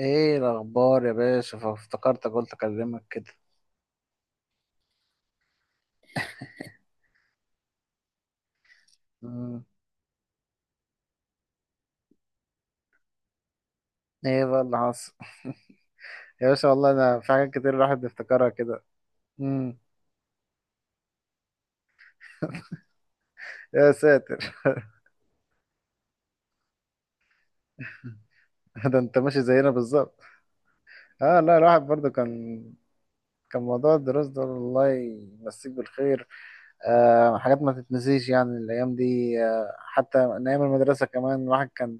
ايه الاخبار يا باشا؟ فافتكرتك قلت اكلمك كده. مم. ايه بقى اللي حصل؟ يا باشا، والله انا في حاجات كتير الواحد بيفتكرها كده. مم. يا ساتر. ده انت ماشي زينا بالظبط. اه، لا، الواحد برضو كان موضوع الدراسة ده، الله يمسيك بالخير. حاجات ما تتنسيش يعني الايام دي. حتى من ايام المدرسة كمان الواحد كان.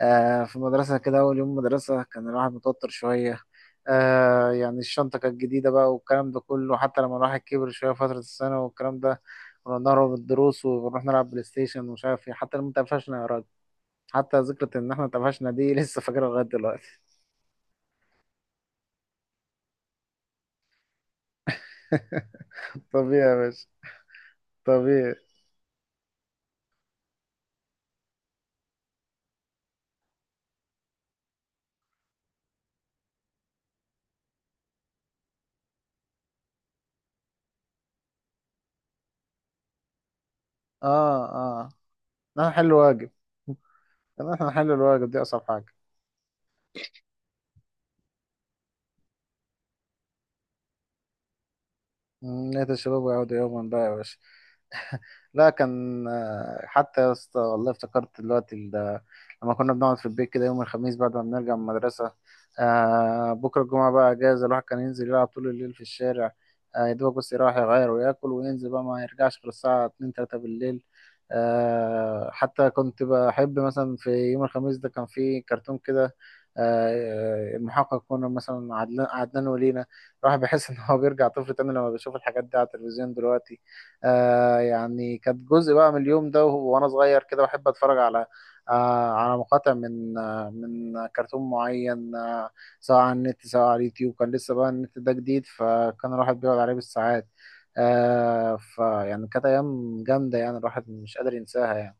في مدرسة كده أول يوم مدرسة كان الواحد متوتر شوية. يعني الشنطة كانت جديدة بقى والكلام ده كله، حتى لما الواحد كبر شوية فترة السنة والكلام ده كنا بنهرب من الدروس ونروح نلعب بلاي ستيشن ومش عارف ايه حتى لما اتقفشنا يا راجل. حتى ذكرى إن احنا اتقفشنا دي لسه فاكرها لغاية دلوقتي. طبيعي يا باشا. طبيعي. اه، اه. إن احنا نحل واجب. إن احنا نحل الواجب دي أصعب حاجة. نية الشباب ويعودوا يوما بقى يا باشا. لا، كان حتى يا اسطى والله افتكرت دلوقتي لما كنا بنقعد في البيت كده يوم الخميس بعد ما بنرجع من المدرسة. بكرة الجمعة بقى أجازة، الواحد كان ينزل يلعب طول الليل في الشارع. يا دوبك بس يروح يغير وياكل وينزل بقى ما يرجعش غير الساعة اتنين تلاتة بالليل. حتى كنت بحب مثلا في يوم الخميس ده كان في كرتون كده. المحقق كنا مثلا عدنان، عدنان ولينا. الواحد بيحس إن هو بيرجع طفل تاني لما بيشوف الحاجات دي على التلفزيون دلوقتي. يعني كانت جزء بقى من اليوم ده وانا صغير كده بحب اتفرج على على مقاطع من من كرتون معين. سواء على النت سواء على اليوتيوب كان لسه بقى النت ده جديد فكان الواحد بيقعد عليه بالساعات. فيعني كانت ايام جامده يعني الواحد مش قادر ينساها يعني.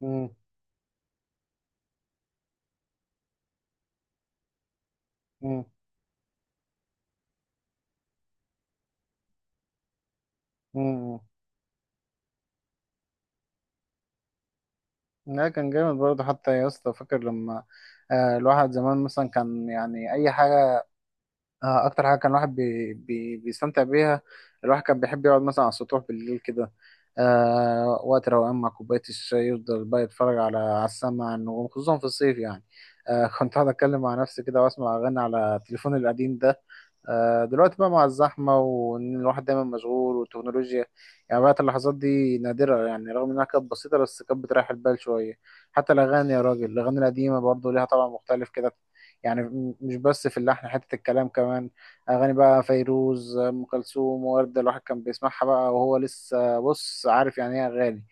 مم. مم. مم. لا كان جامد برضه حتى يا اسطى، فاكر لما الواحد زمان مثلا كان يعني اي حاجه. اكتر حاجه كان الواحد بي بي بيستمتع بيها الواحد كان بيحب يقعد مثلا على السطوح بالليل كده. وقت روقان مع كوبايه الشاي يفضل بقى يتفرج على السماء النجوم خصوصا في الصيف يعني. كنت قاعد اتكلم مع نفسي كده واسمع اغاني على تليفوني القديم ده. دلوقتي بقى مع الزحمة وإن الواحد دايما مشغول والتكنولوجيا، يعني بقت اللحظات دي نادرة يعني رغم إنها كانت بسيطة بس كانت بتريح البال شوية. حتى الأغاني يا راجل، الأغاني القديمة برضه ليها طبع مختلف كده. يعني مش بس في اللحن حتة الكلام كمان. أغاني بقى فيروز، أم كلثوم، وردة، الواحد كان بيسمعها بقى وهو لسه بص عارف يعني إيه أغاني.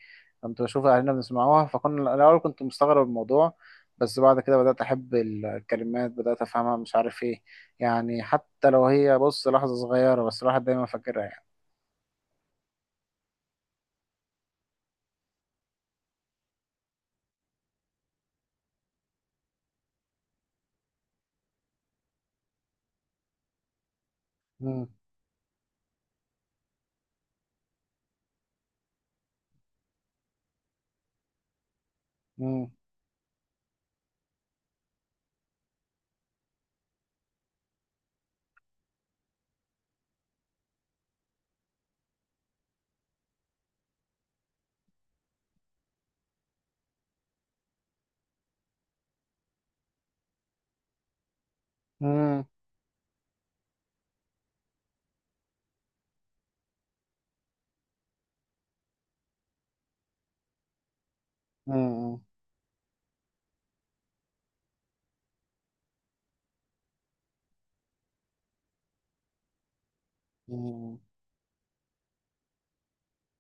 كنت بشوف أهلنا بنسمعوها فكنا الأول كنت مستغرب الموضوع، بس بعد كده بدأت أحب الكلمات، بدأت أفهمها مش عارف إيه. يعني حتى لو هي بص لحظة صغيرة بس الواحد دايما فاكرها يعني. مم. مم. مم. مم. مم.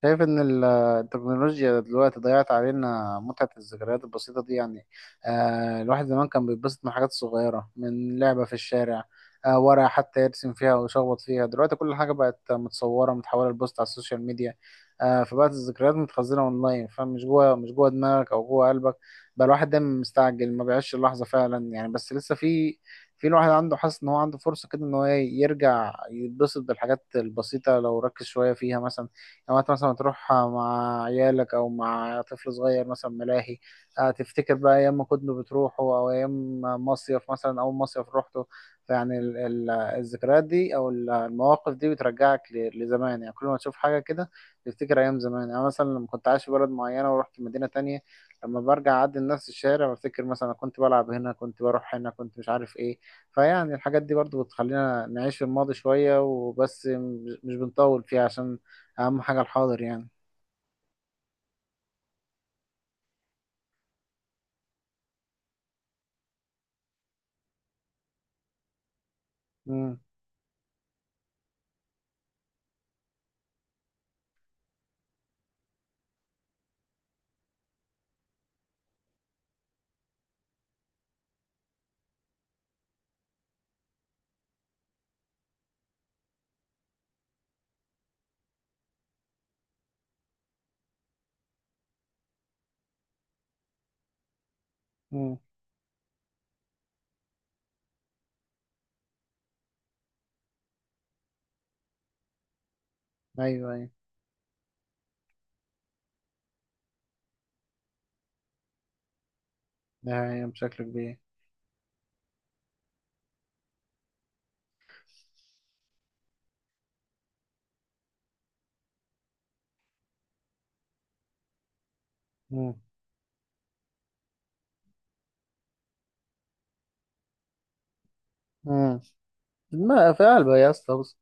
شايف إن التكنولوجيا دلوقتي ضيعت علينا متعة الذكريات البسيطة دي يعني. الواحد زمان كان بيتبسط من حاجات صغيرة، من لعبة في الشارع. ورقة حتى يرسم فيها ويشخبط فيها. دلوقتي كل حاجة بقت متصورة متحولة لبوست على السوشيال ميديا. فبقت الذكريات متخزنة أونلاين، فمش جوه مش جوه دماغك أو جوه قلبك. بقى الواحد دايما مستعجل ما بيعيش اللحظة فعلا يعني، بس لسه في الواحد عنده حاسس إن هو عنده فرصة كده إن هو يرجع يتبسط بالحاجات البسيطة لو ركز شوية فيها مثلا. لما انت مثلا تروح مع عيالك او مع طفل صغير مثلا ملاهي، تفتكر بقى ايام ما كنتوا بتروحوا او ايام مصيف مثلا اول مصيف روحته. يعني الذكريات دي او المواقف دي بترجعك لزمان يعني، كل ما تشوف حاجه كده تفتكر ايام زمان يعني. مثلا لما كنت عايش في بلد معينه ورحت مدينه تانية، لما برجع اعدي نفس الشارع بفتكر مثلا أنا كنت بلعب هنا كنت بروح هنا كنت مش عارف ايه. فيعني الحاجات دي برضو بتخلينا نعيش في الماضي شويه وبس مش بنطول فيها، عشان اهم حاجة الحاضر يعني. امم. امم. ايوه، ايوه. ده هي بشكل كبير. امم. امم. ما في قلبه يا اسطى، بص.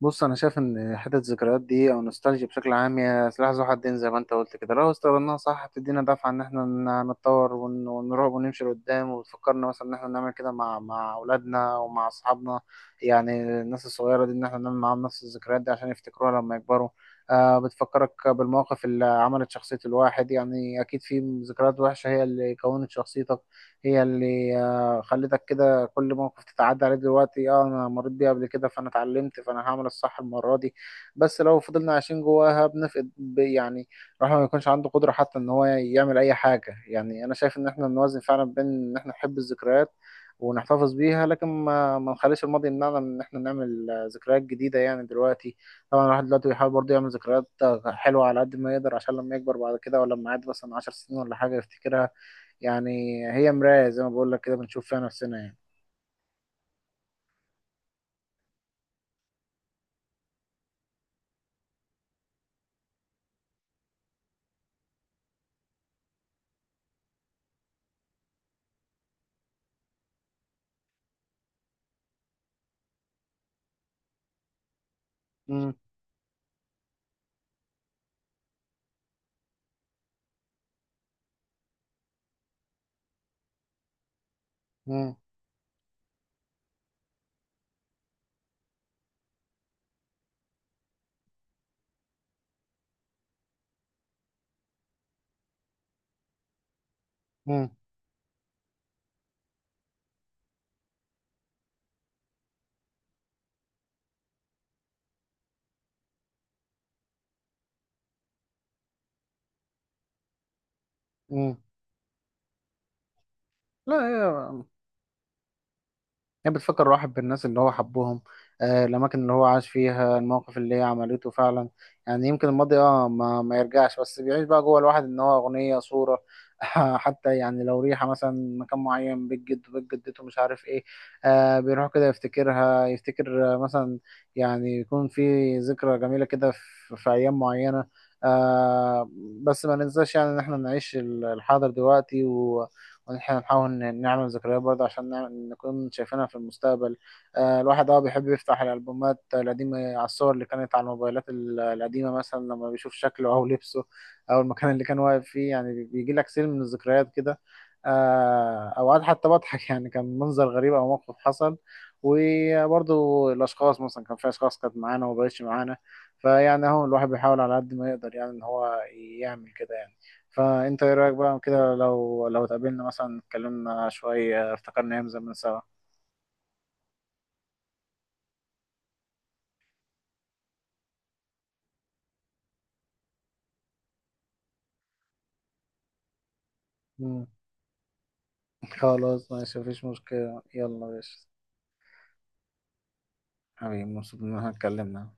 بص انا شايف ان حته الذكريات دي او نوستالجيا بشكل عام هي سلاح ذو حدين زي ما انت قلت كده. لو استخدمناها صح هتدينا دفعه ان احنا نتطور ونروح ونمشي لقدام وتفكرنا مثلا ان احنا نعمل كده مع اولادنا ومع اصحابنا. يعني الناس الصغيره دي ان احنا نعمل معاهم نفس الذكريات دي عشان يفتكروها لما يكبروا. بتفكرك بالمواقف اللي عملت شخصيه الواحد يعني، اكيد في ذكريات وحشه هي اللي كونت شخصيتك، هي اللي خلتك كده. كل موقف تتعدى عليه دلوقتي انا مريت بيه قبل كده فانا اتعلمت فانا هعمل الصح المره دي. بس لو فضلنا عايشين جواها بنفقد يعني الواحد ما يكونش عنده قدره حتى ان هو يعمل اي حاجه. يعني انا شايف ان احنا نوازن فعلا بين ان احنا نحب الذكريات ونحتفظ بيها لكن ما نخليش الماضي يمنعنا من ان احنا نعمل ذكريات جديده يعني دلوقتي. طبعا الواحد دلوقتي بيحاول برضه يعمل ذكريات حلوه على قد ما يقدر عشان لما يكبر بعد كده، ولا لما يعدي مثلا 10 سنين ولا حاجه يفتكرها. يعني هي مراية زي ما بقول لك كده بنشوف فيها نفسنا يعني. مم. مم. مم. لا هي هي بتفكر الواحد بالناس اللي هو حبهم، الأماكن اللي هو عاش فيها، المواقف اللي هي عملته فعلا. يعني يمكن الماضي ما يرجعش بس بيعيش بقى جوه الواحد إن هو أغنية، صورة. حتى يعني لو ريحة مثلا مكان معين، بيت جده، بيت جدته، مش عارف إيه. بيروح كده يفتكرها يفتكر مثلا يعني يكون في ذكرى جميلة كده في أيام معينة. آه بس ما ننساش يعني إن إحنا نعيش الحاضر دلوقتي، وان احنا نحاول نعمل ذكريات برضه عشان نعمل نكون شايفينها في المستقبل. الواحد بيحب يفتح الألبومات القديمة على الصور اللي كانت على الموبايلات القديمة مثلا لما بيشوف شكله أو لبسه أو المكان اللي كان واقف فيه. يعني بيجي لك سيل من الذكريات كده. أوقات حتى بضحك يعني كان منظر غريب أو موقف حصل، وبرضه الأشخاص مثلا كان في أشخاص كانت معانا ومبقتش معانا. فيعني أهو الواحد بيحاول على قد ما يقدر يعني إن هو يعمل كده يعني. فانت ايه رايك بقى كده لو اتقابلنا مثلا اتكلمنا شويه افتكرنا ايام زمان سوا؟ مم. خلاص ماشي مفيش مشكلة، يلا يا باشا، حبيبي، مبسوط ان احنا اتكلمنا.